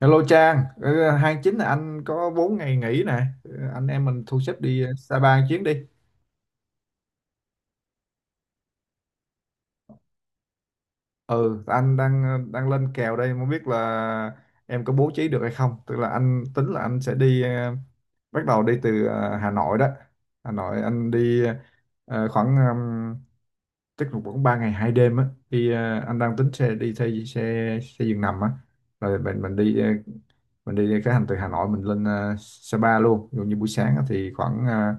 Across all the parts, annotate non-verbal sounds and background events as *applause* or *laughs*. Hello Trang. Ờ, 29 là anh có 4 ngày nghỉ nè. Anh em mình thu xếp đi Sapa một chuyến đi. Ừ, anh đang lên kèo đây, không biết là em có bố trí được hay không. Tức là anh tính là anh sẽ đi bắt đầu đi từ Hà Nội đó. Hà Nội anh đi khoảng chắc là khoảng 3 ngày 2 đêm á. Đi anh đang tính xe đi xe xe xe giường nằm á. Rồi mình đi mình đi khởi hành từ Hà Nội mình lên Sapa luôn. Ví dụ như buổi sáng á thì khoảng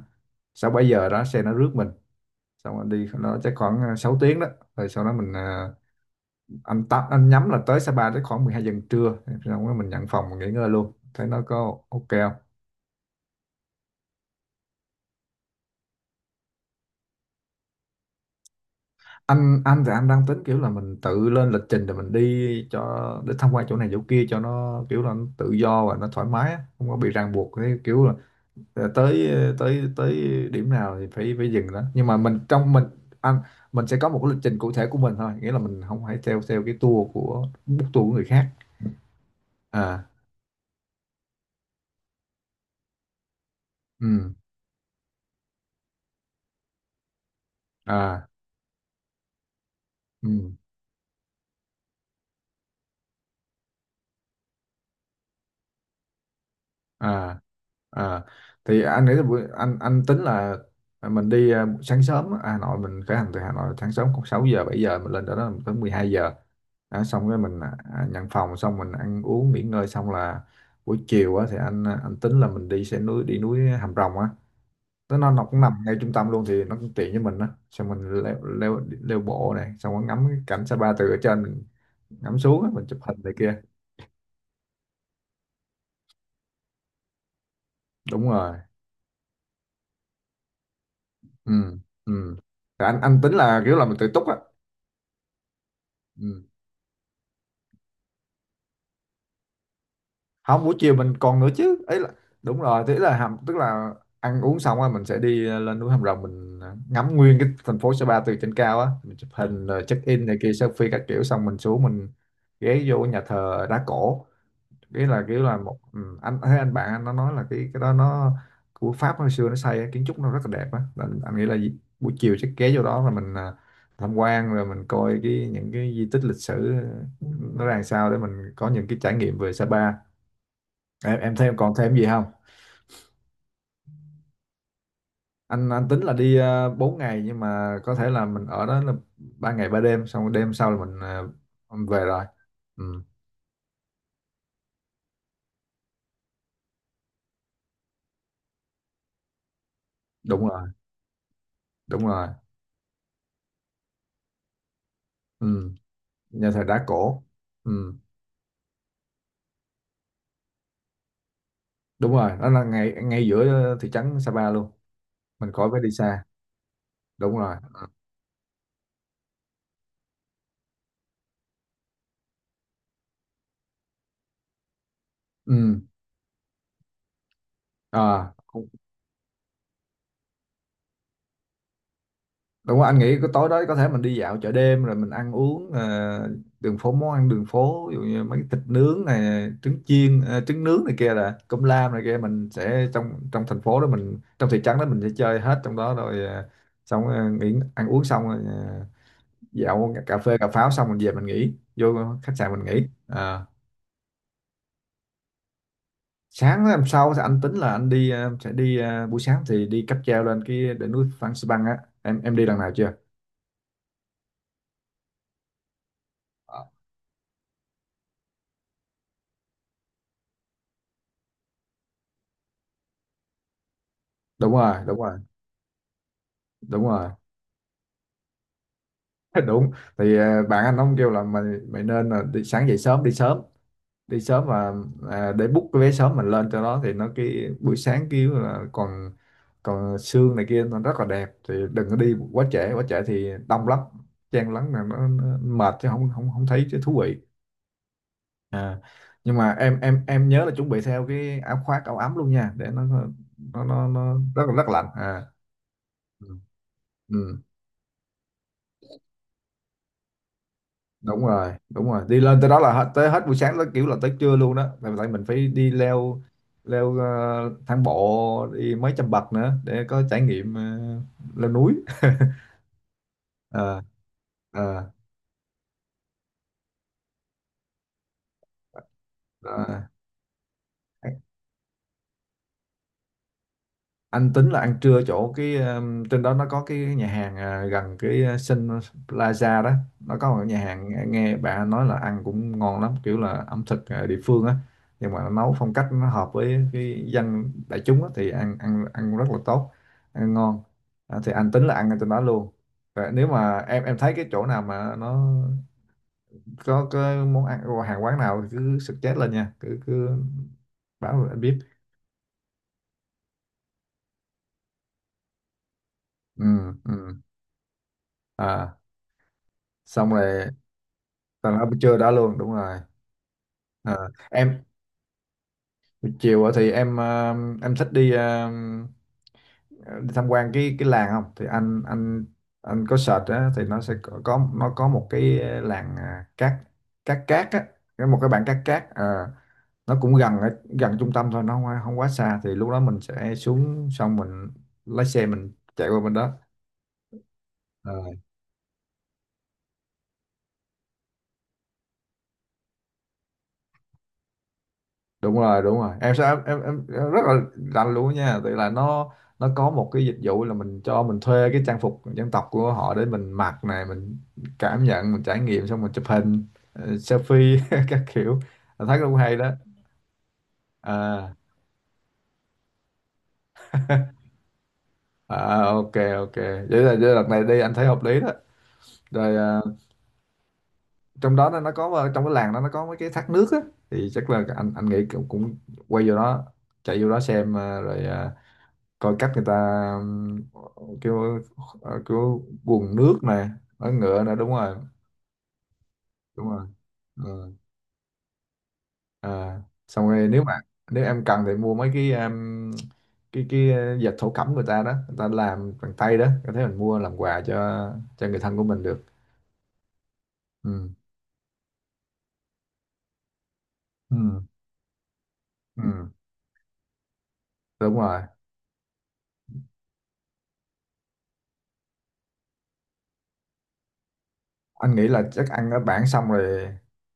6 7 giờ đó xe nó rước mình xong rồi đi nó chắc khoảng 6 tiếng đó, rồi sau đó mình anh tắm anh nhắm là tới Sapa tới khoảng 12 giờ trưa, xong rồi mình nhận phòng mình nghỉ ngơi luôn thấy nó có ok không. Anh thì anh đang tính kiểu là mình tự lên lịch trình rồi mình đi cho để tham quan chỗ này chỗ kia cho nó kiểu là nó tự do và nó thoải mái á, không có bị ràng buộc cái kiểu là tới tới tới điểm nào thì phải phải dừng đó, nhưng mà mình trong mình anh mình sẽ có một cái lịch trình cụ thể của mình thôi, nghĩa là mình không phải theo theo cái tour của book tour của người khác. À, ừ, à, ừ, à, à, thì anh nghĩ là buổi anh tính là mình đi sáng sớm á, Hà Nội mình khởi hành từ Hà Nội sáng sớm khoảng 6 giờ 7 giờ mình lên đó đó tới 12 giờ đó, xong cái mình nhận phòng xong mình ăn uống nghỉ ngơi xong là buổi chiều á, thì anh anh tính là mình đi xe núi đi núi Hàm Rồng á. Nó cũng nằm ngay trung tâm luôn thì nó cũng tiện với mình á, xong mình leo leo leo bộ này xong rồi ngắm cái cảnh Sapa từ ở trên mình ngắm xuống á, mình chụp hình này kia. Đúng rồi, ừ, ừ. Thì anh tính là kiểu là mình tự túc á. Ừ. Không, buổi chiều mình còn nữa chứ ấy là đúng rồi, thế là hàm tức là ăn uống xong á mình sẽ đi lên núi Hàm Rồng mình ngắm nguyên cái thành phố Sa Pa từ trên cao á, mình chụp hình rồi check in này kia selfie các kiểu xong mình xuống mình ghé vô nhà thờ đá cổ. Cái là kiểu là một, ừ, anh thấy anh bạn anh nó nói là cái đó nó của Pháp hồi xưa nó xây á, kiến trúc nó rất là đẹp á. Là anh nghĩ là buổi chiều chắc ghé vô đó là mình tham quan rồi mình coi cái những cái di tích lịch sử nó ra làm sao để mình có những cái trải nghiệm về Sapa. Em thêm còn thêm gì không. Anh tính là đi 4 ngày, nhưng mà có thể là mình ở đó là 3 ngày 3 đêm xong đêm sau là mình về rồi. Ừ, đúng rồi, đúng rồi. Ừ. Nhà thờ đá cổ. Ừ. Đúng rồi, nó là ngay ngay giữa thị trấn Sapa luôn. Mình khỏi phải đi xa. Đúng rồi. Ừ. À, đúng rồi, anh nghĩ cái tối đó có thể mình đi dạo chợ đêm rồi mình ăn uống đường phố, món ăn đường phố, ví dụ như mấy cái thịt nướng này, trứng chiên trứng nướng này kia là cơm lam này kia. Mình sẽ trong trong thành phố đó, mình trong thị trấn đó mình sẽ chơi hết trong đó rồi xong nghỉ ăn uống xong rồi dạo cà phê cà pháo xong mình về mình nghỉ vô khách sạn mình nghỉ. Ờ. Sáng hôm sau thì anh tính là anh đi sẽ đi buổi sáng thì đi cáp treo lên cái đỉnh núi Phan Xipang á, em đi lần nào chưa. Ờ, đúng rồi, đúng rồi, đúng rồi. *laughs* Đúng. Thì bạn anh ông kêu là mày mày nên là đi sáng dậy sớm, đi sớm, đi sớm và để book cái vé sớm mình lên cho nó, thì nó cái buổi sáng kiểu là còn còn sương này kia nó rất là đẹp. Thì đừng có đi quá trễ, quá trễ thì đông lắm, chen lấn là nó mệt chứ không không không thấy chứ thú vị. À, nhưng mà em nhớ là chuẩn bị theo cái áo khoác áo ấm luôn nha để nó nó rất là rất lạnh à. Ừ. Ừ, đúng rồi, đúng rồi, đi lên tới đó là hết tới hết buổi sáng tới kiểu là tới trưa luôn đó, tại tại mình phải đi leo leo ờ, thang bộ đi mấy trăm bậc nữa để có trải nghiệm leo núi. *laughs* À, à, anh tính là ăn trưa chỗ cái trên đó nó có cái nhà hàng gần cái Sun Plaza đó, nó có một nhà hàng, nghe nghe bạn nói là ăn cũng ngon lắm, kiểu là ẩm thực địa phương á, nhưng mà nó nấu phong cách nó hợp với cái dân đại chúng á, thì ăn ăn ăn rất là tốt, ăn ngon. À, thì anh tính là ăn ở trên đó luôn. Và nếu mà em thấy cái chỗ nào mà nó có cái món ăn, hàng quán nào thì cứ suggest lên nha, cứ cứ báo rồi anh biết. Ừ, ừ, à, xong rồi. Tao đã chưa, đã luôn, đúng rồi. Ờ, em chiều á thì em em thích đi đi tham quan cái làng không thì anh có search á thì nó sẽ nó có một cái làng cát cát cát á, cái một cái bản cát cát nó cũng gần ở gần trung tâm thôi, nó không, không quá xa, thì lúc đó mình sẽ xuống xong mình lái xe mình chạy qua bên đó. Ờ. Đúng rồi, đúng rồi, em sẽ em rất là rành luôn á nha, tại là nó có một cái dịch vụ là mình cho mình thuê cái trang phục dân tộc của họ để mình mặc này mình cảm nhận mình trải nghiệm xong mình chụp hình selfie *laughs* các kiểu. Anh thấy cũng hay đó. À, à, ok, ok, vậy là đợt này đi anh thấy hợp lý đó rồi. À, trong đó nó có trong cái làng đó nó có mấy cái thác nước á, thì chắc là anh nghĩ cũng, cũng quay vô đó, chạy vô đó xem à, rồi coi cách người ta ừm, kiểu kiểu quần nước nè, nói ngựa nè, đúng rồi, đúng rồi. Ừ. À, xong rồi nếu mà nếu em cần thì mua mấy cái dệt thổ cẩm người ta đó, người ta làm bằng tay đó, có thể mình mua làm quà cho người thân của mình được. Ừ. Ừ. Ừ. Đúng rồi, anh nghĩ là chắc ăn ở bản xong rồi,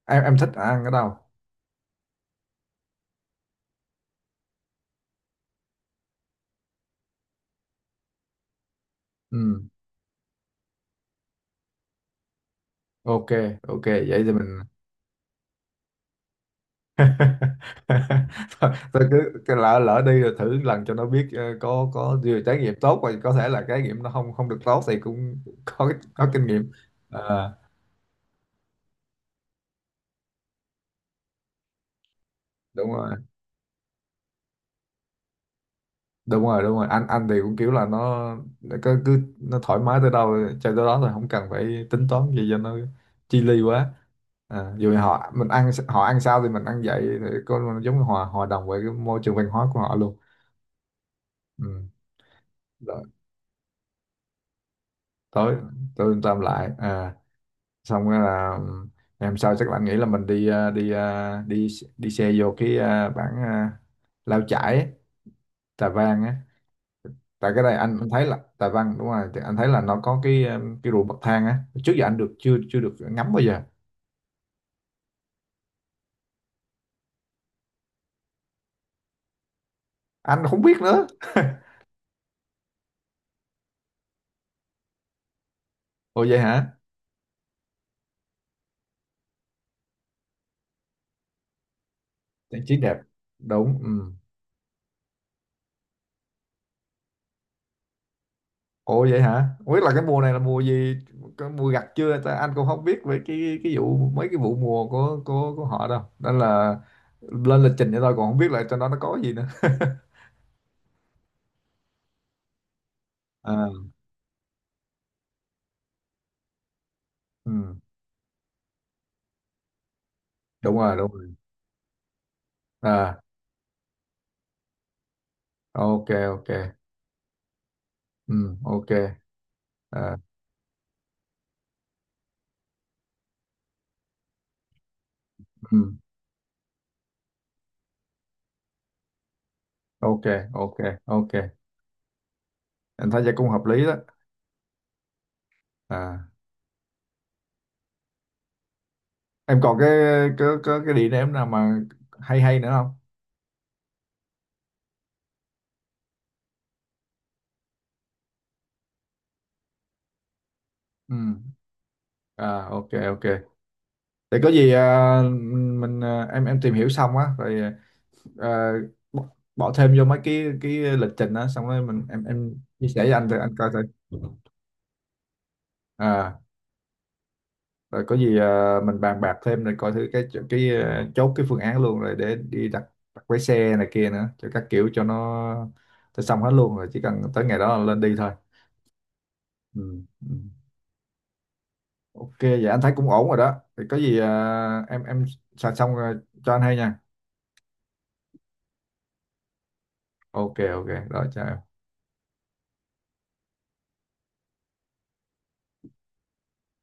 em thích ăn ở đâu. Ừ. Ok, ok vậy thì mình. *laughs* Thôi, thôi cứ lỡ lỡ đi rồi thử lần cho nó biết có vừa trải nghiệm tốt và có thể là trải nghiệm nó không không được tốt thì cũng *laughs* có kinh nghiệm. Ờ, đúng rồi, đúng rồi, đúng rồi, anh thì cũng kiểu là nó nó cứ nó thoải mái tới đâu chơi tới đó thôi, không cần phải tính toán gì cho nó chi li quá. À, dù họ mình ăn họ ăn sao thì mình ăn vậy thì có giống như hòa hòa đồng với cái môi trường văn hóa của họ luôn. Ừ. Rồi tới tôi làm lại à, xong rồi là ngày hôm sau chắc là anh nghĩ là mình đi đi đi xe vô cái bản Lao Chải ấy, Tà Văn á, tại cái đây anh thấy là Tà Văn đúng rồi, thì anh thấy là nó có cái cái ruộng bậc thang á, trước giờ anh được chưa chưa được ngắm bao giờ. Anh không biết nữa. Ồ vậy hả, trang trí đẹp, đúng. Ừ. Ồ vậy hả, không biết là cái mùa này là mùa gì, có mùa gặt chưa ta, anh cũng không biết về cái vụ mấy cái vụ mùa của của họ đâu, nên là lên lịch trình vậy thôi, còn không biết là trong đó nó có gì nữa. *laughs* À. Ừ, đúng rồi, đúng rồi. À, ok, ok. Ừ, ok. À, ừ, ok, ok, ok, em thấy vậy cũng hợp lý đó. À, em còn cái cái địa điểm nào mà hay hay nữa không. Ừ, à, ok, ok, để có gì mình em tìm hiểu xong á rồi à, bỏ bỏ thêm vô mấy cái lịch trình á, xong rồi mình em chia sẻ với anh rồi anh coi thử. À, rồi có gì mình bàn bạc thêm rồi coi thử cái chốt cái phương án luôn rồi để đi đặt đặt vé xe này kia nữa cho các kiểu cho nó, cho xong hết luôn rồi chỉ cần tới ngày đó là lên đi thôi. Ừ. Ừ. Ok vậy anh thấy cũng ổn rồi đó, thì có gì em soạn xong rồi cho anh hay nha. Ok, ok rồi, chào em.